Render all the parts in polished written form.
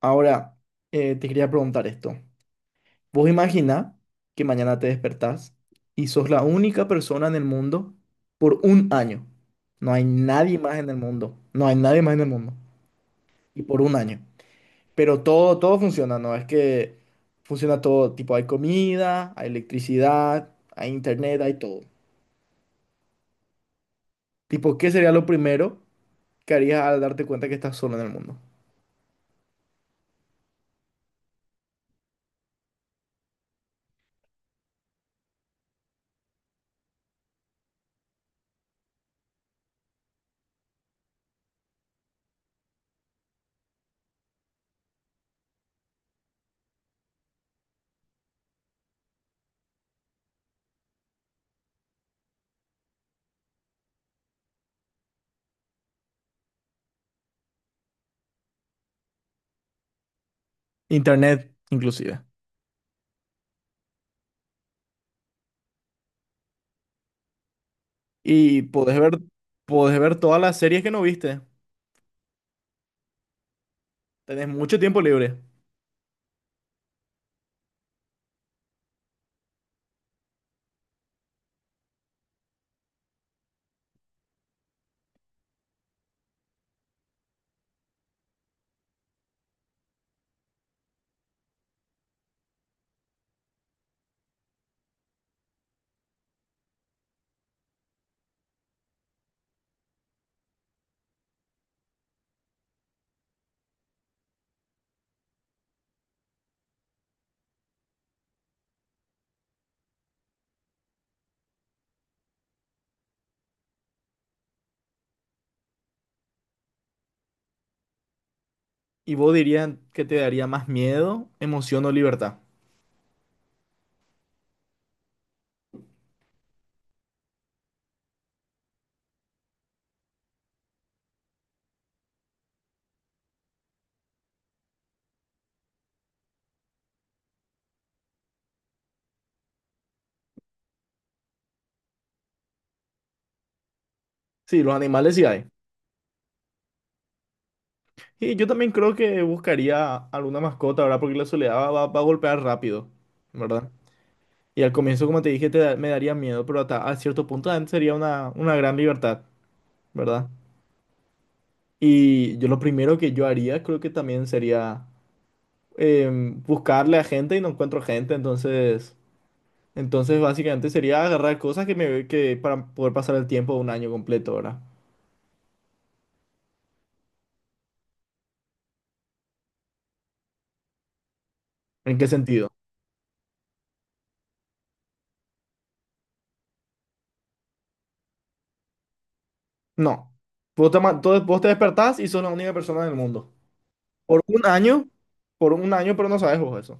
Ahora, te quería preguntar esto. Vos imagina que mañana te despertás y sos la única persona en el mundo por un año. No hay nadie más en el mundo. No hay nadie más en el mundo. Y por un año. Pero todo funciona, ¿no? Es que funciona todo. Tipo, hay comida, hay electricidad, hay internet, hay todo. Tipo, ¿qué sería lo primero que harías al darte cuenta que estás solo en el mundo? Internet, inclusive. Y podés ver, Podés ver todas las series que no viste. Tenés mucho tiempo libre. ¿Y vos dirías que te daría más miedo, emoción o libertad? Sí, los animales sí hay. Y yo también creo que buscaría alguna mascota, ¿verdad? Porque la soledad va a golpear rápido, ¿verdad? Y al comienzo, como te dije, me daría miedo, pero hasta a cierto punto también sería una, gran libertad, ¿verdad? Y yo lo primero que yo haría creo que también sería buscarle a gente y no encuentro gente, entonces... Entonces, básicamente sería agarrar cosas que para poder pasar el tiempo de un año completo, ¿verdad? ¿En qué sentido? No. Vos te despertás y sos la única persona del mundo. Por un año, por un año, pero no sabes vos eso.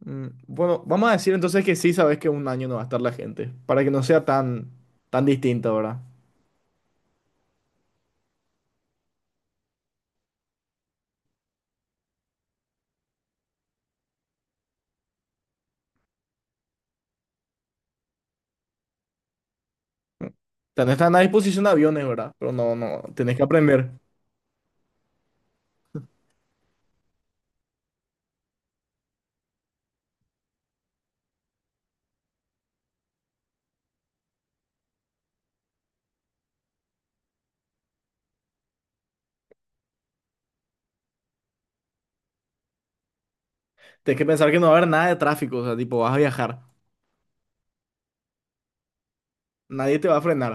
Bueno, vamos a decir entonces que sí sabes que un año no va a estar la gente, para que no sea tan distinto, ¿verdad? Mm. Tenés Están a disposición aviones, ¿verdad? Pero no, no, tenés que aprender. Tenés que pensar que no va a haber nada de tráfico, o sea, tipo, vas a viajar. Nadie te va a frenar.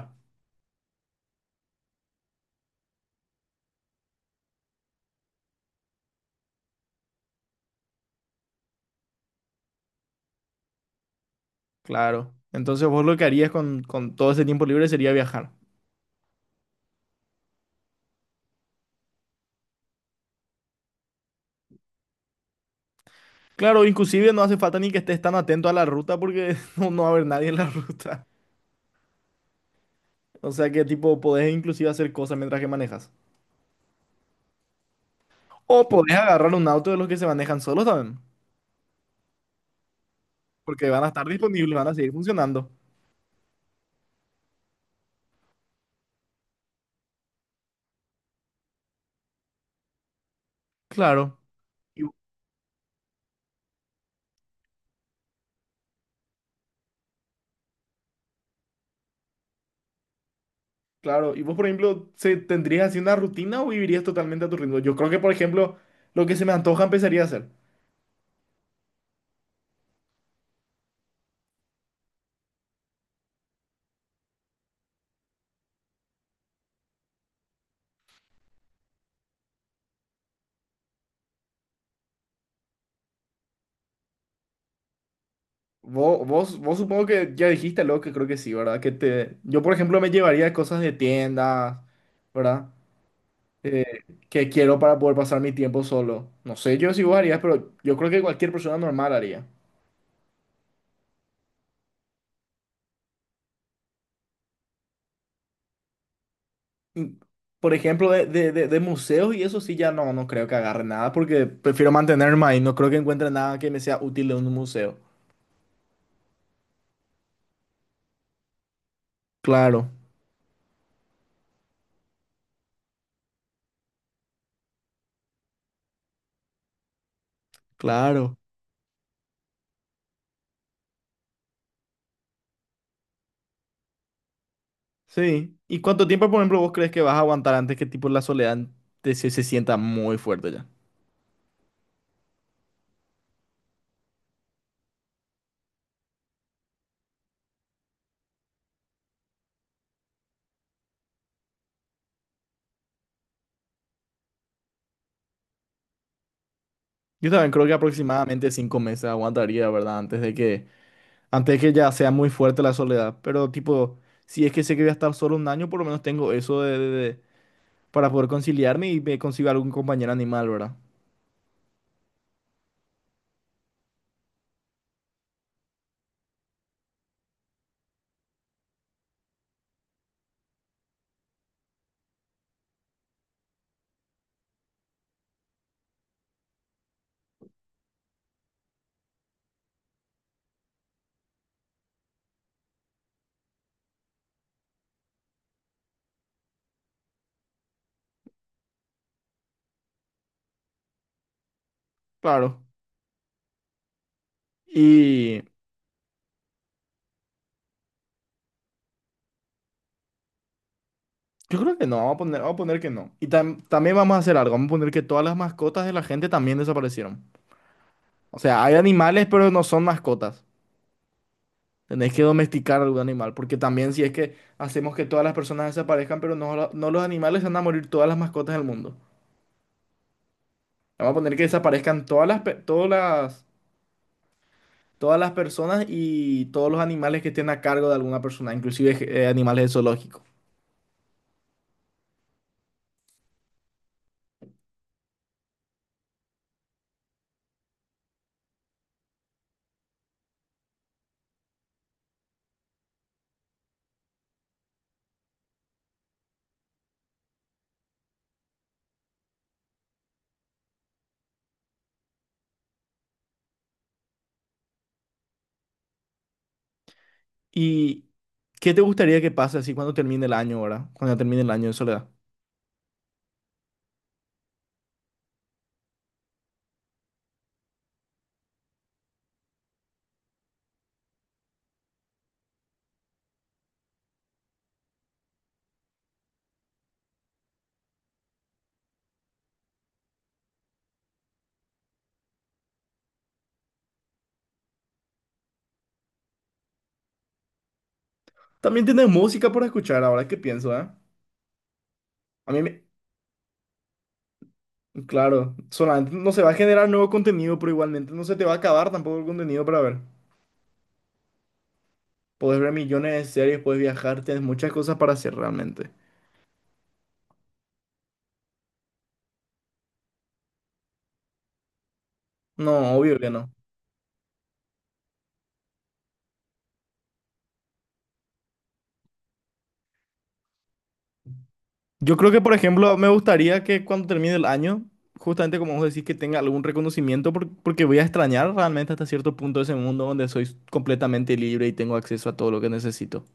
Claro. Entonces vos lo que harías con todo ese tiempo libre sería viajar. Claro, inclusive no hace falta ni que estés tan atento a la ruta porque no va a haber nadie en la ruta. O sea que tipo, podés inclusive hacer cosas mientras que manejas. O podés agarrar un auto de los que se manejan solos también, porque van a estar disponibles, van a seguir funcionando. Claro. Y, claro, y vos, por ejemplo, ¿ tendrías así una rutina o vivirías totalmente a tu ritmo? Yo creo que, por ejemplo, lo que se me antoja empezaría a hacer. Vos supongo que ya dijiste lo que creo que sí, ¿verdad? Yo, por ejemplo, me llevaría cosas de tiendas, ¿verdad? eh, que quiero para poder pasar mi tiempo solo. No sé yo si vos harías, pero yo creo que cualquier persona normal haría. Y, Por ejemplo, de museos y eso sí ya no, no creo que agarre nada porque prefiero mantenerme ahí. No creo que encuentre nada que me sea útil de un museo. Claro, claro. Sí. ¿Y cuánto tiempo, por ejemplo, vos crees que vas a aguantar antes que tipo la soledad se sienta muy fuerte ya? Yo también creo que aproximadamente 5 meses aguantaría, ¿verdad? Antes que ya sea muy fuerte la soledad. Pero tipo, si es que sé que voy a estar solo un año, por lo menos tengo eso de, para poder conciliarme y me consigo algún compañero animal, ¿verdad? Claro. Y yo creo que no, vamos a poner, que no. Y también vamos a hacer algo, vamos a poner que todas las mascotas de la gente también desaparecieron. O sea, hay animales, pero no son mascotas. Tenés que domesticar algún animal, porque también si es que hacemos que todas las personas desaparezcan, pero no, no los animales, se van a morir todas las mascotas del mundo. Vamos a poner que desaparezcan todas las, pe- todas las Todas las personas y todos los animales que estén a cargo de alguna persona, inclusive animales de zoológico. ¿Y qué te gustaría que pase así cuando termine el año ahora? Cuando termine el año de soledad. También tienes música para escuchar ahora que pienso, ¿eh? A mí me... Claro, solamente no se va a generar nuevo contenido, pero igualmente no se te va a acabar tampoco el contenido para ver. Puedes ver millones de series, puedes viajar, tienes muchas cosas para hacer realmente. No, obvio que no. Yo creo que, por ejemplo, me gustaría que cuando termine el año, justamente como vos decís, que tenga algún reconocimiento, porque voy a extrañar realmente hasta cierto punto ese mundo donde soy completamente libre y tengo acceso a todo lo que necesito.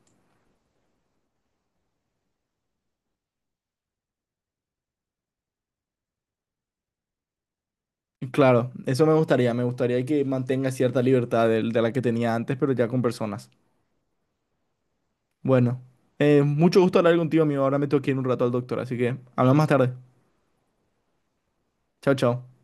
Y claro, eso me gustaría que mantenga cierta libertad de, la que tenía antes, pero ya con personas. Bueno, mucho gusto hablar contigo, amigo. Ahora me tengo que ir un rato al doctor, así que hablamos más tarde. Chao, chao.